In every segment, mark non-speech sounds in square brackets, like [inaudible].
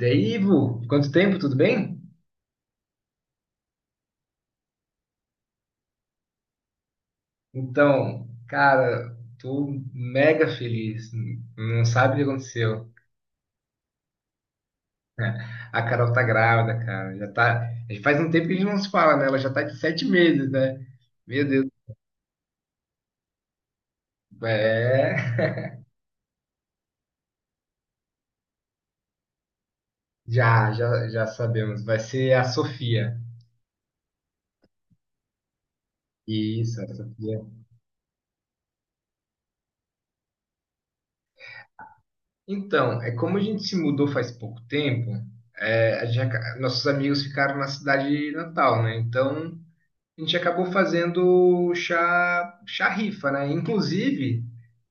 E aí, Ivo, quanto tempo, tudo bem? Então, cara, tô mega feliz. Não sabe o que aconteceu. [laughs] A Carol tá grávida, cara. Já tá. Faz um tempo que a gente não se fala, né? Ela já tá de 7 meses, né? Meu Deus. É. Já sabemos. Vai ser a Sofia. Isso, a Sofia. Então, é como a gente se mudou faz pouco tempo, nossos amigos ficaram na cidade natal, né? Então. A gente acabou fazendo chá rifa, né? Inclusive,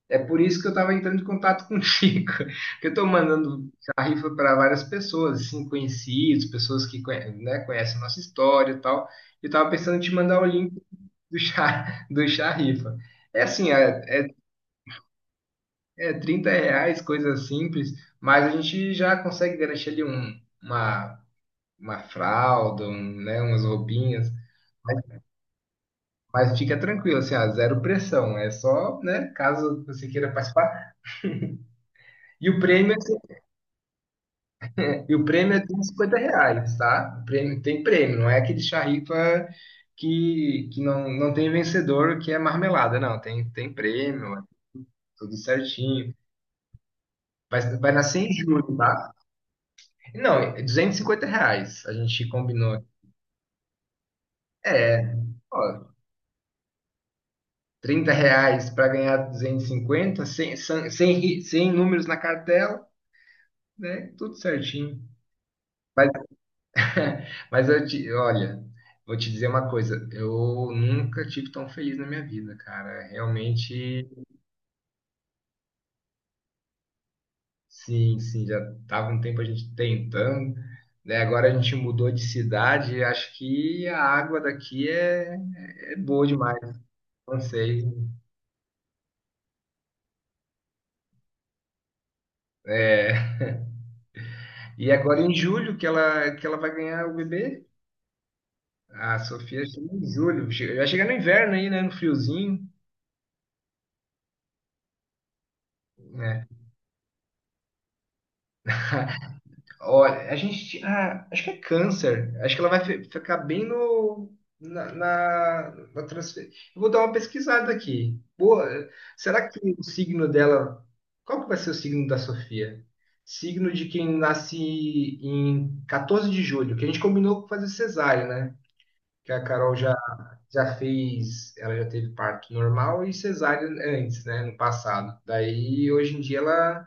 é por isso que eu estava entrando em contato com o Chico, [laughs] que eu estou mandando chá rifa para várias pessoas, assim, conhecidos, pessoas que conhecem a nossa história e tal. Eu estava pensando em te mandar o link do chá, [laughs] do chá rifa. É assim, é R$ 30, coisa simples, mas a gente já consegue garantir ali uma fralda, umas roupinhas. Mas fica tranquilo, assim, ó, zero pressão. É só, né, caso você queira participar. E o prêmio, é assim, e o prêmio é R$ 50, tá? Tem prêmio, não é aquele charripa que não tem vencedor, que é marmelada, não. Tem prêmio, é tudo certinho. Vai nascer em julho, tá? Não, é R$ 250, a gente combinou. É, ó, R$ 30 para ganhar 250, 100 números na cartela, né? Tudo certinho. [laughs] Mas olha, vou te dizer uma coisa, eu nunca tive tão feliz na minha vida, cara. Realmente, sim, sim, já tava um tempo a gente tentando, né? Agora a gente mudou de cidade, e acho que a água daqui é boa demais, não sei. É, e agora em julho que ela vai ganhar o bebê, a Sofia chega em julho. Vai chegar no inverno aí, né? No friozinho. Né? Olha, a gente. Ah, acho que é câncer. Acho que ela vai ficar bem no. Na transfer... Eu vou dar uma pesquisada aqui. Boa. Será que o signo dela. Qual que vai ser o signo da Sofia? Signo de quem nasce em 14 de julho, que a gente combinou com fazer cesárea, né? Que a Carol já fez. Ela já teve parto normal e cesárea antes, né? No passado. Daí, hoje em dia, ela.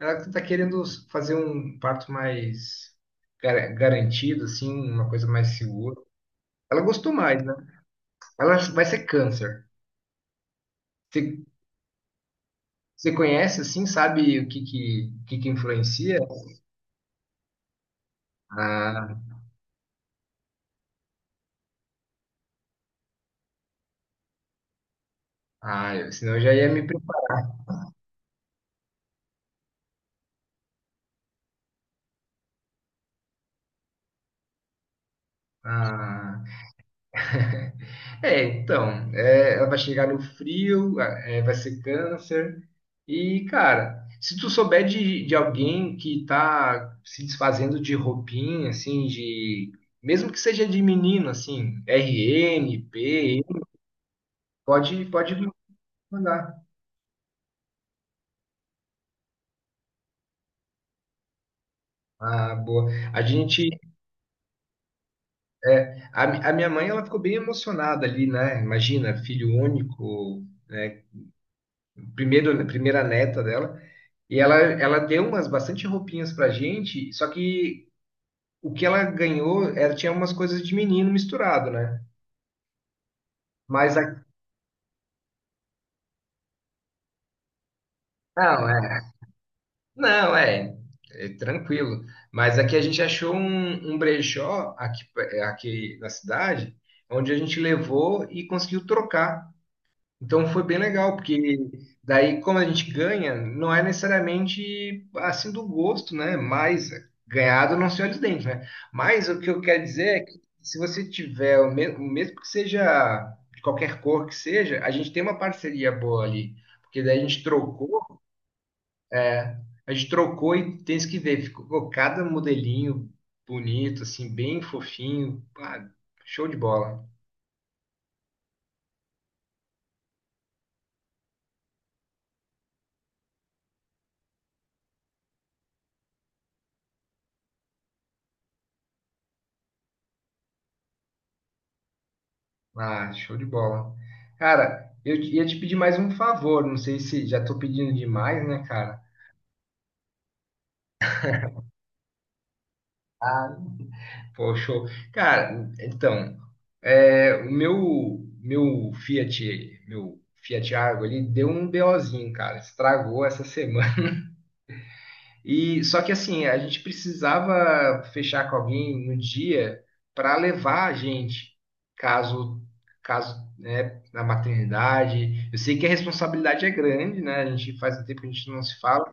Ela tá querendo fazer um parto mais garantido, assim, uma coisa mais segura. Ela gostou mais, né? Ela vai ser câncer. Você você conhece, assim, sabe o que que influencia? Ah, ah, senão eu já ia me. Ah, é, então, ela vai chegar no frio, vai ser câncer. E, cara, se tu souber de alguém que tá se desfazendo de roupinha, assim, de. Mesmo que seja de menino, assim, RN, P, pode mandar. Ah, boa. A gente. A minha mãe, ela ficou bem emocionada ali, né? Imagina, filho único, né? Primeira neta dela. E ela deu umas bastante roupinhas pra gente, só que o que ela ganhou, ela tinha umas coisas de menino misturado, né? Mas a... não, é, não, é tranquilo. Mas aqui a gente achou um brechó aqui na cidade, onde a gente levou e conseguiu trocar. Então foi bem legal, porque daí como a gente ganha, não é necessariamente assim do gosto, né? Mas ganhado não se olha os dentes, né? Mas o que eu quero dizer é que se você tiver, mesmo que seja de qualquer cor que seja, a gente tem uma parceria boa ali. Porque daí a gente trocou e tem isso que ver, ficou cada modelinho bonito, assim, bem fofinho, pá, show de bola. Ah, show de bola. Cara, ia te pedir mais um favor, não sei se já tô pedindo demais, né, cara? Ah, pô, show. Cara, então, o meu, meu Fiat Argo ali deu um BOzinho, cara. Estragou essa semana. E só que assim, a gente precisava fechar com alguém no dia para levar a gente, caso caso, né, na maternidade. Eu sei que a responsabilidade é grande, né? A gente faz um tempo que a gente não se fala,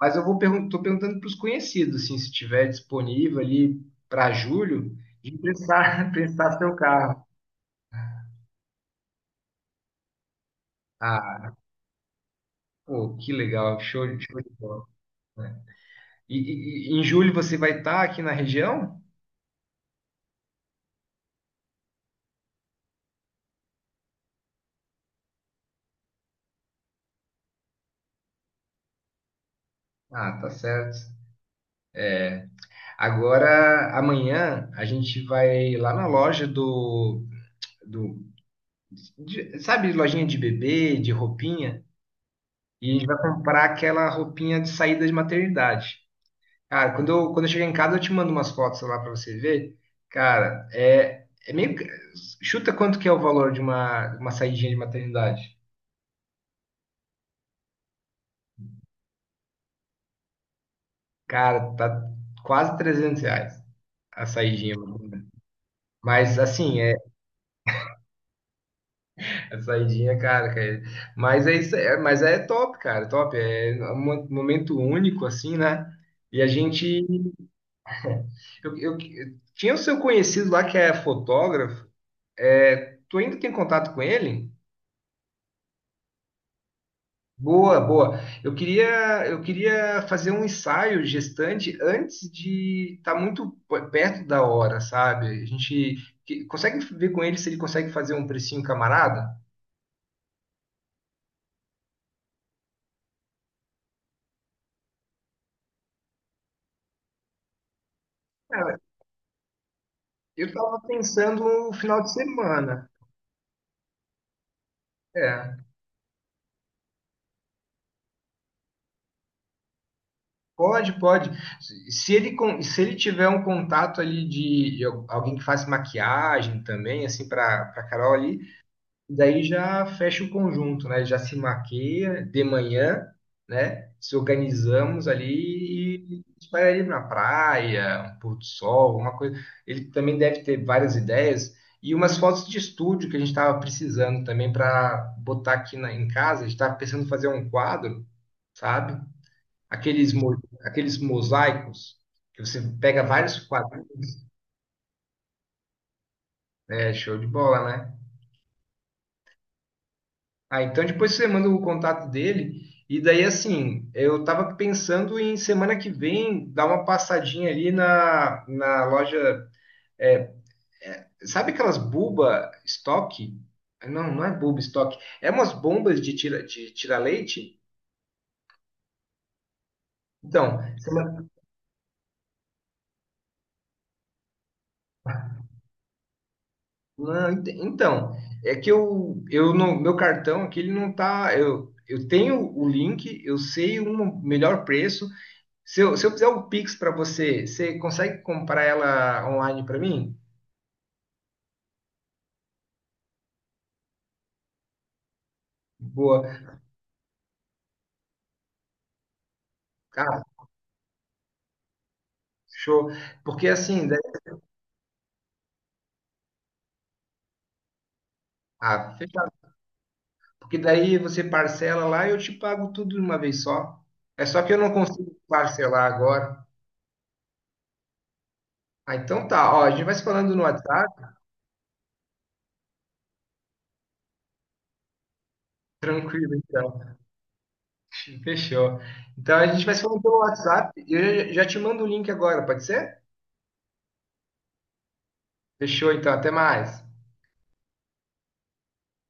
mas eu vou pergun tô perguntando para os conhecidos, assim, se tiver disponível ali para julho, de prestar [laughs] prestar seu carro. Ah, pô, que legal, show, show de bola. Né? E em julho você vai estar aqui na região? Ah, tá certo. Agora, amanhã, a gente vai lá na loja do sabe, lojinha de bebê, de roupinha, e a gente vai comprar aquela roupinha de saída de maternidade. Cara, quando eu chegar em casa, eu te mando umas fotos lá pra você ver. Cara, chuta quanto que é o valor de uma saidinha de maternidade. Cara, tá quase R$ 300 a saidinha. Mas, assim, a saidinha, cara, cara. Mas é isso, mas é top, cara, top. É um momento único, assim, né? E a gente. Eu tinha o seu conhecido lá que é fotógrafo. É, tu ainda tem contato com ele? Boa, boa. Eu queria fazer um ensaio gestante antes de estar muito perto da hora, sabe? A gente consegue ver com ele se ele consegue fazer um precinho camarada? Cara, eu tava pensando no final de semana. É. Pode, pode. Se ele tiver um contato ali alguém que faz maquiagem também, assim, para Carol ali, daí já fecha o conjunto, né? Já se maquia de manhã, né? Se organizamos ali e a gente vai ali na praia, um pôr do sol, uma coisa. Ele também deve ter várias ideias e umas fotos de estúdio que a gente estava precisando também para botar aqui em casa. A gente estava pensando em fazer um quadro, sabe? Aqueles, mo- aqueles mosaicos que você pega vários quadrinhos. É, show de bola, né? Ah, então depois você manda o contato dele. E daí, assim, eu tava pensando em semana que vem dar uma passadinha ali na loja. é, sabe aquelas buba estoque? Não, não é buba estoque. É umas bombas de tira leite? Então, não, então, é que eu não, meu cartão aqui ele não tá. Eu tenho o link, eu sei um melhor preço. Se eu fizer o Pix para você, você consegue comprar ela online para mim? Boa. Ah, show. Porque assim, daí, fechado. Porque daí você parcela lá e eu te pago tudo de uma vez só. É só que eu não consigo parcelar agora. Ah, então tá. Ó, a gente vai se falando no WhatsApp. Tranquilo, então. Fechou. Então a gente vai se falando pelo WhatsApp e eu já te mando o link agora, pode ser? Fechou, então, até mais.